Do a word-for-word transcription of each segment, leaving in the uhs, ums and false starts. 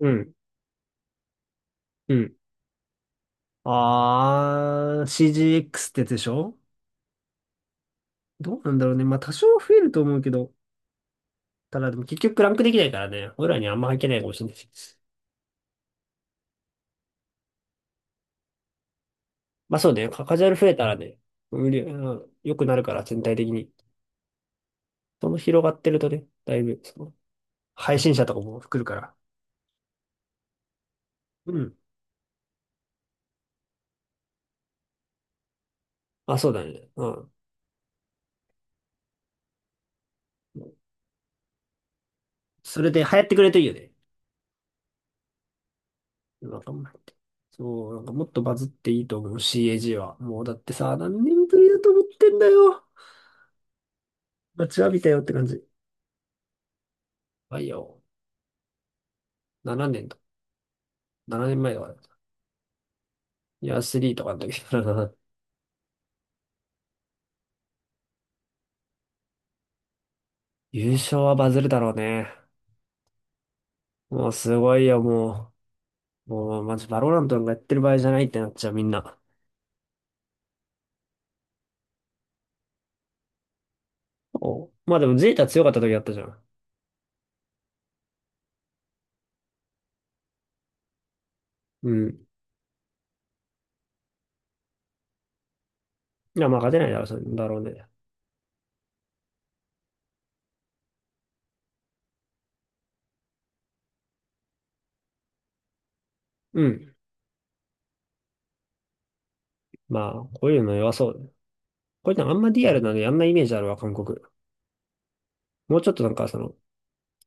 うん、うん。あー、シージーエックス ってやつでしょ。どうなんだろうね。まあ、多少増えると思うけど、ただでも結局ランクできないからね、俺らにあんま入ってないかもしれないし。まあそうね、カカジュアル増えたらね、無理、うん、良くなるから、全体的に。その広がってるとね、だいぶ、その、配信者とかも来るから。うん。まあ、そうだね。うん。それで流行ってくれるといいよね。なんかもうそう、なんかもっとバズっていいと思う、シーエージー は。もうだってさ、何年ぶりだと思ってんだよ。待ちわびたよって感じ。ばいよ。7年と、ななねんまえとかだった。いや、さんとかの時だな。優勝はバズるだろうね。もうすごいよ、もう。もう、マジバロラントなんかやってる場合じゃないってなっちゃう、みんな。お、まあでも、ゼータ強かった時あったじゃん。うん。いや、まあ勝てないだろう、それだろうね。うん。まあ、こういうの弱そう。こういうのあんまリアルなのやんないイメージあるわ、韓国。もうちょっとなんか、その、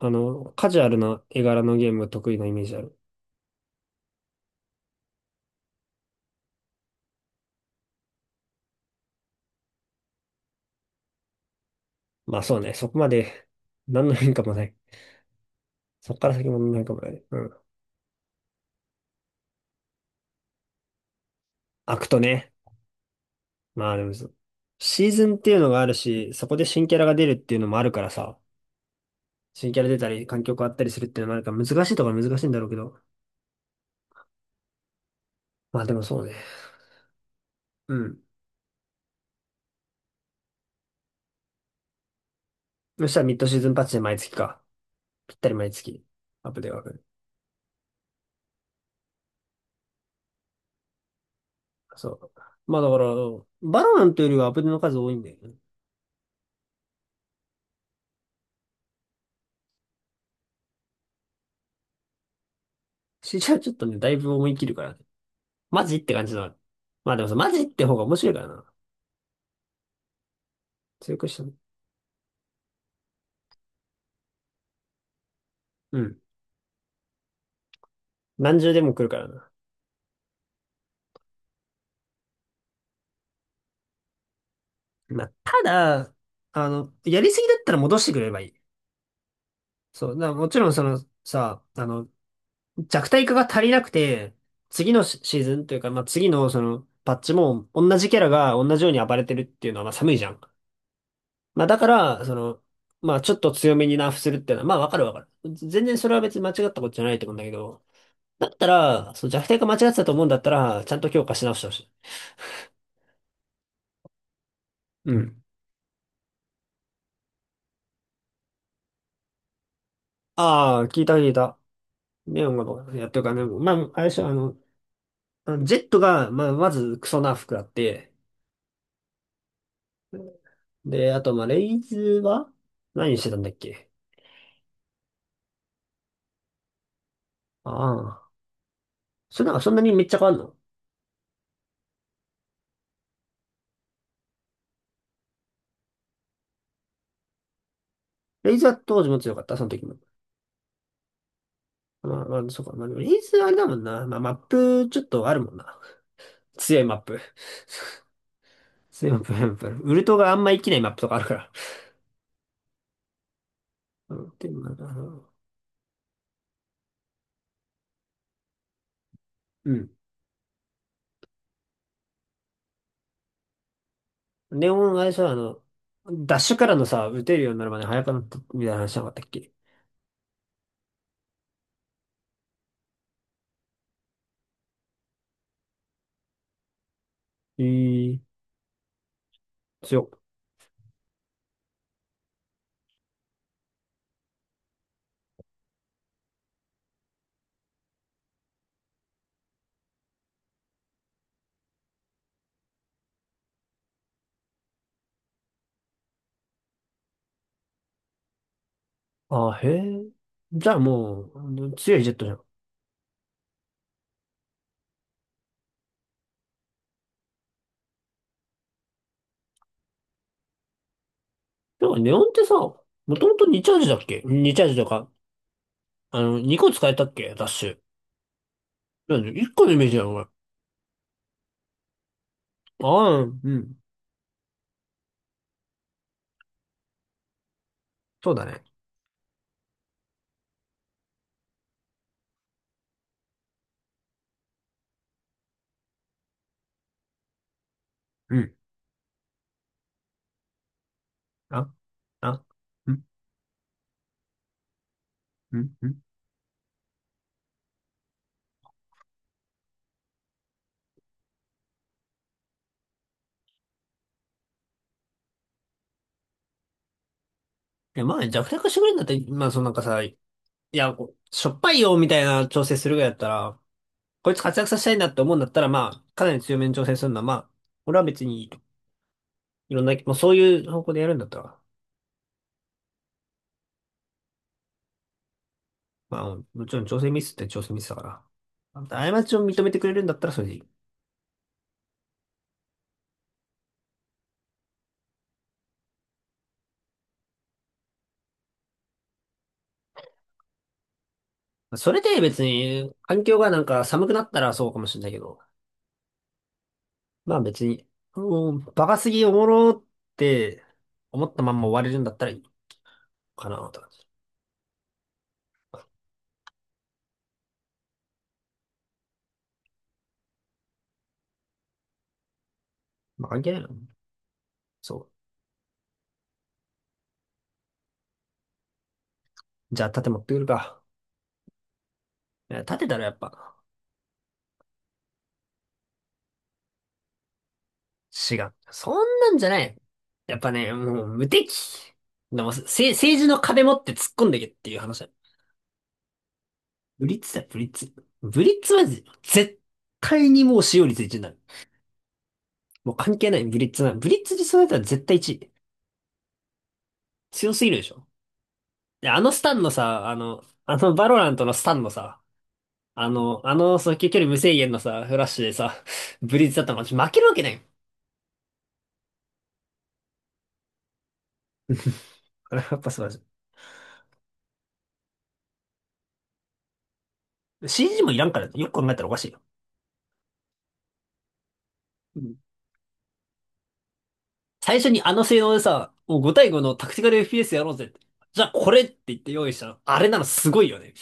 あの、カジュアルな絵柄のゲーム得意なイメージある。まあそうね、そこまで、何の変化もない。そこから先も何の変化もない。うん。アクトね。まあでもシーズンっていうのがあるし、そこで新キャラが出るっていうのもあるからさ、新キャラ出たり、環境変わったりするっていうのもあるから、難しいところは難しいんだろうけど。まあでもそうね。うん。そしたらミッドシーズンパッチで毎月か。ぴったり毎月、アップデートが来る。そう。まあだから、バロナントよりはアップデートの数多いんだよね。シーチャはちょっとね、だいぶ思い切るからね。マジって感じだな。まあでもさ、マジって方が面白いからな。強くしても。うん。何重でも来るからな。まあ、ただ、あの、やりすぎだったら戻してくれればいい。そう、だからもちろんそのさ、あの、弱体化が足りなくて、次のシシーズンというか、まあ、次のそのパッチも同じキャラが同じように暴れてるっていうのはまあ寒いじゃん。まあ、だから、その、まあ、ちょっと強めにナーフするっていうのは、まあ、わかるわかる。全然それは別に間違ったことじゃないと思うんだけど、だったら、そう、弱体化間違ってたと思うんだったら、ちゃんと強化し直してほしい。うん。ああ、聞いた聞いた。ネオンがどうやってるかね。まあ、あれでしょ、あの、あのジェットが、まあ、まずクソな服あって、で、あと、まあ、レイズは何してたんだっけ。ああ。それなんかそんなにめっちゃ変わんの。レイズは当時も強かった、その時も。まあ、まあ、そうか。まあ、でもレイズはあれだもんな。まあ、マップちょっとあるもんな。強いマップ。強いマップ、やっぱりウルトがあんま生きないマップとかあるから。うん。でも、あのうん。レオン、あれさ、あの、ダッシュからのさ、打てるようになるまで早くなったみたいな話なかったっけ。え。え。強っ。あ、へえ。じゃあもう、うん、強いジェットじゃん。でもネオンってさ、もともとにチャージだっけ？ に チャージとか、あの、にこ使えたっけダッシュ。なんで、いっこのイメージだよ、お前。ああ、うん。そうだね。うん。あ、あ、うん、うん、うん。いや、まあ弱体化してくれるんだって、まあそのなんかさ、いや、こうしょっぱいよ、みたいな調整するぐらいだったら、こいつ活躍させたいなって思うんだったら、まあ、かなり強めに調整するのは、まあ、俺は別にいいと。いろんな、まあそういう方向でやるんだったら。まあ、もちろん調整ミスって調整ミスだから。まあんた過ちを認めてくれるんだったらそれでいい。それで別に、環境がなんか寒くなったらそうかもしれないけど、まあ別に、もう、バカすぎおもろって思ったまんま終われるんだったらいいかな、とか。まあ関係ないな。そう。じゃあ盾持ってくるか。いや、盾だろ、やっぱ。違う。そんなんじゃない。やっぱね、もう無敵。でも、せ、政治の壁持って突っ込んでけっていう話だ。ブリッツだ、ブリッツ。ブリッツは絶対にもう使用率いちになる。もう関係ない、ブリッツな。ブリッツ実装だったら絶対いちい。強すぎるでしょ。で、あのスタンのさ、あの、あのバロラントのスタンのさ、あの、あの速球距離無制限のさ、フラッシュでさ、ブリッツだったら負けるわけないよ。あれやっぱ素晴らしい。シージー もいらんからね、よく考えたらおかしいよ。うん。最初にあの性能でさ、もうご対ごのタクティカル エフピーエス やろうぜって。じゃあこれって言って用意したの。あれなのすごいよね。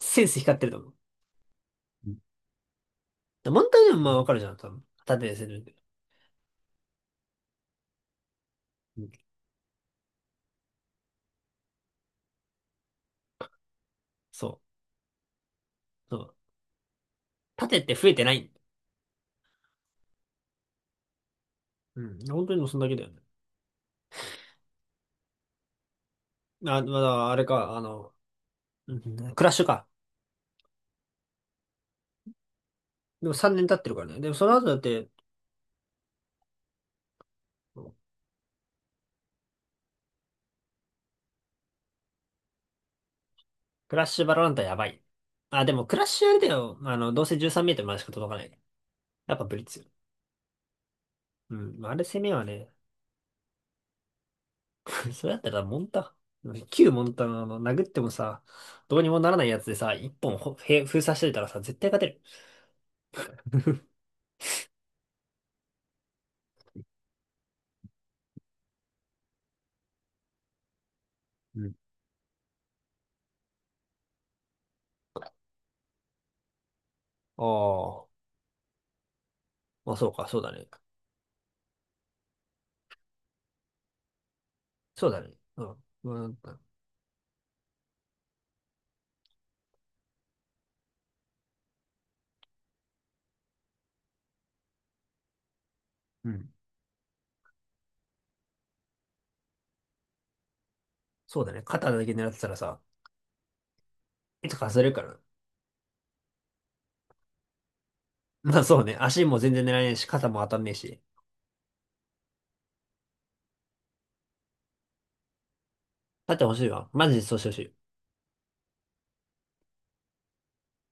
センス光ってると思う。でモンターニュもまあわかるじゃん、多分。縦で攻めるけど。うん。そう。そう。縦って増えてない。うん。本当にもうそんだけだよね。あ、まだ、あれか、あの、うん、クラッシュか。でもさんねん経ってるからね。でもその後だって、クラッシュバロランタやばい。あ、でもクラッシュあれだよ。あの、どうせじゅうさんメートルまでしか届かない。やっぱブリッツよ。うん。まあれ攻めはね、それだったらモンタ。旧モンタのあの、殴ってもさ、どうにもならないやつでさ、一本ほへ封鎖してたらさ、絶対勝てる。うん。ああ、まあそうか、そうだね。そうだね。うん。まあなんかうん。そうだね。肩だけ狙ってたらさ、いつか外れるから。まあそうね。足も全然狙えないし、肩も当たんねえし。だって欲しいわ。マジでそうしてほしい。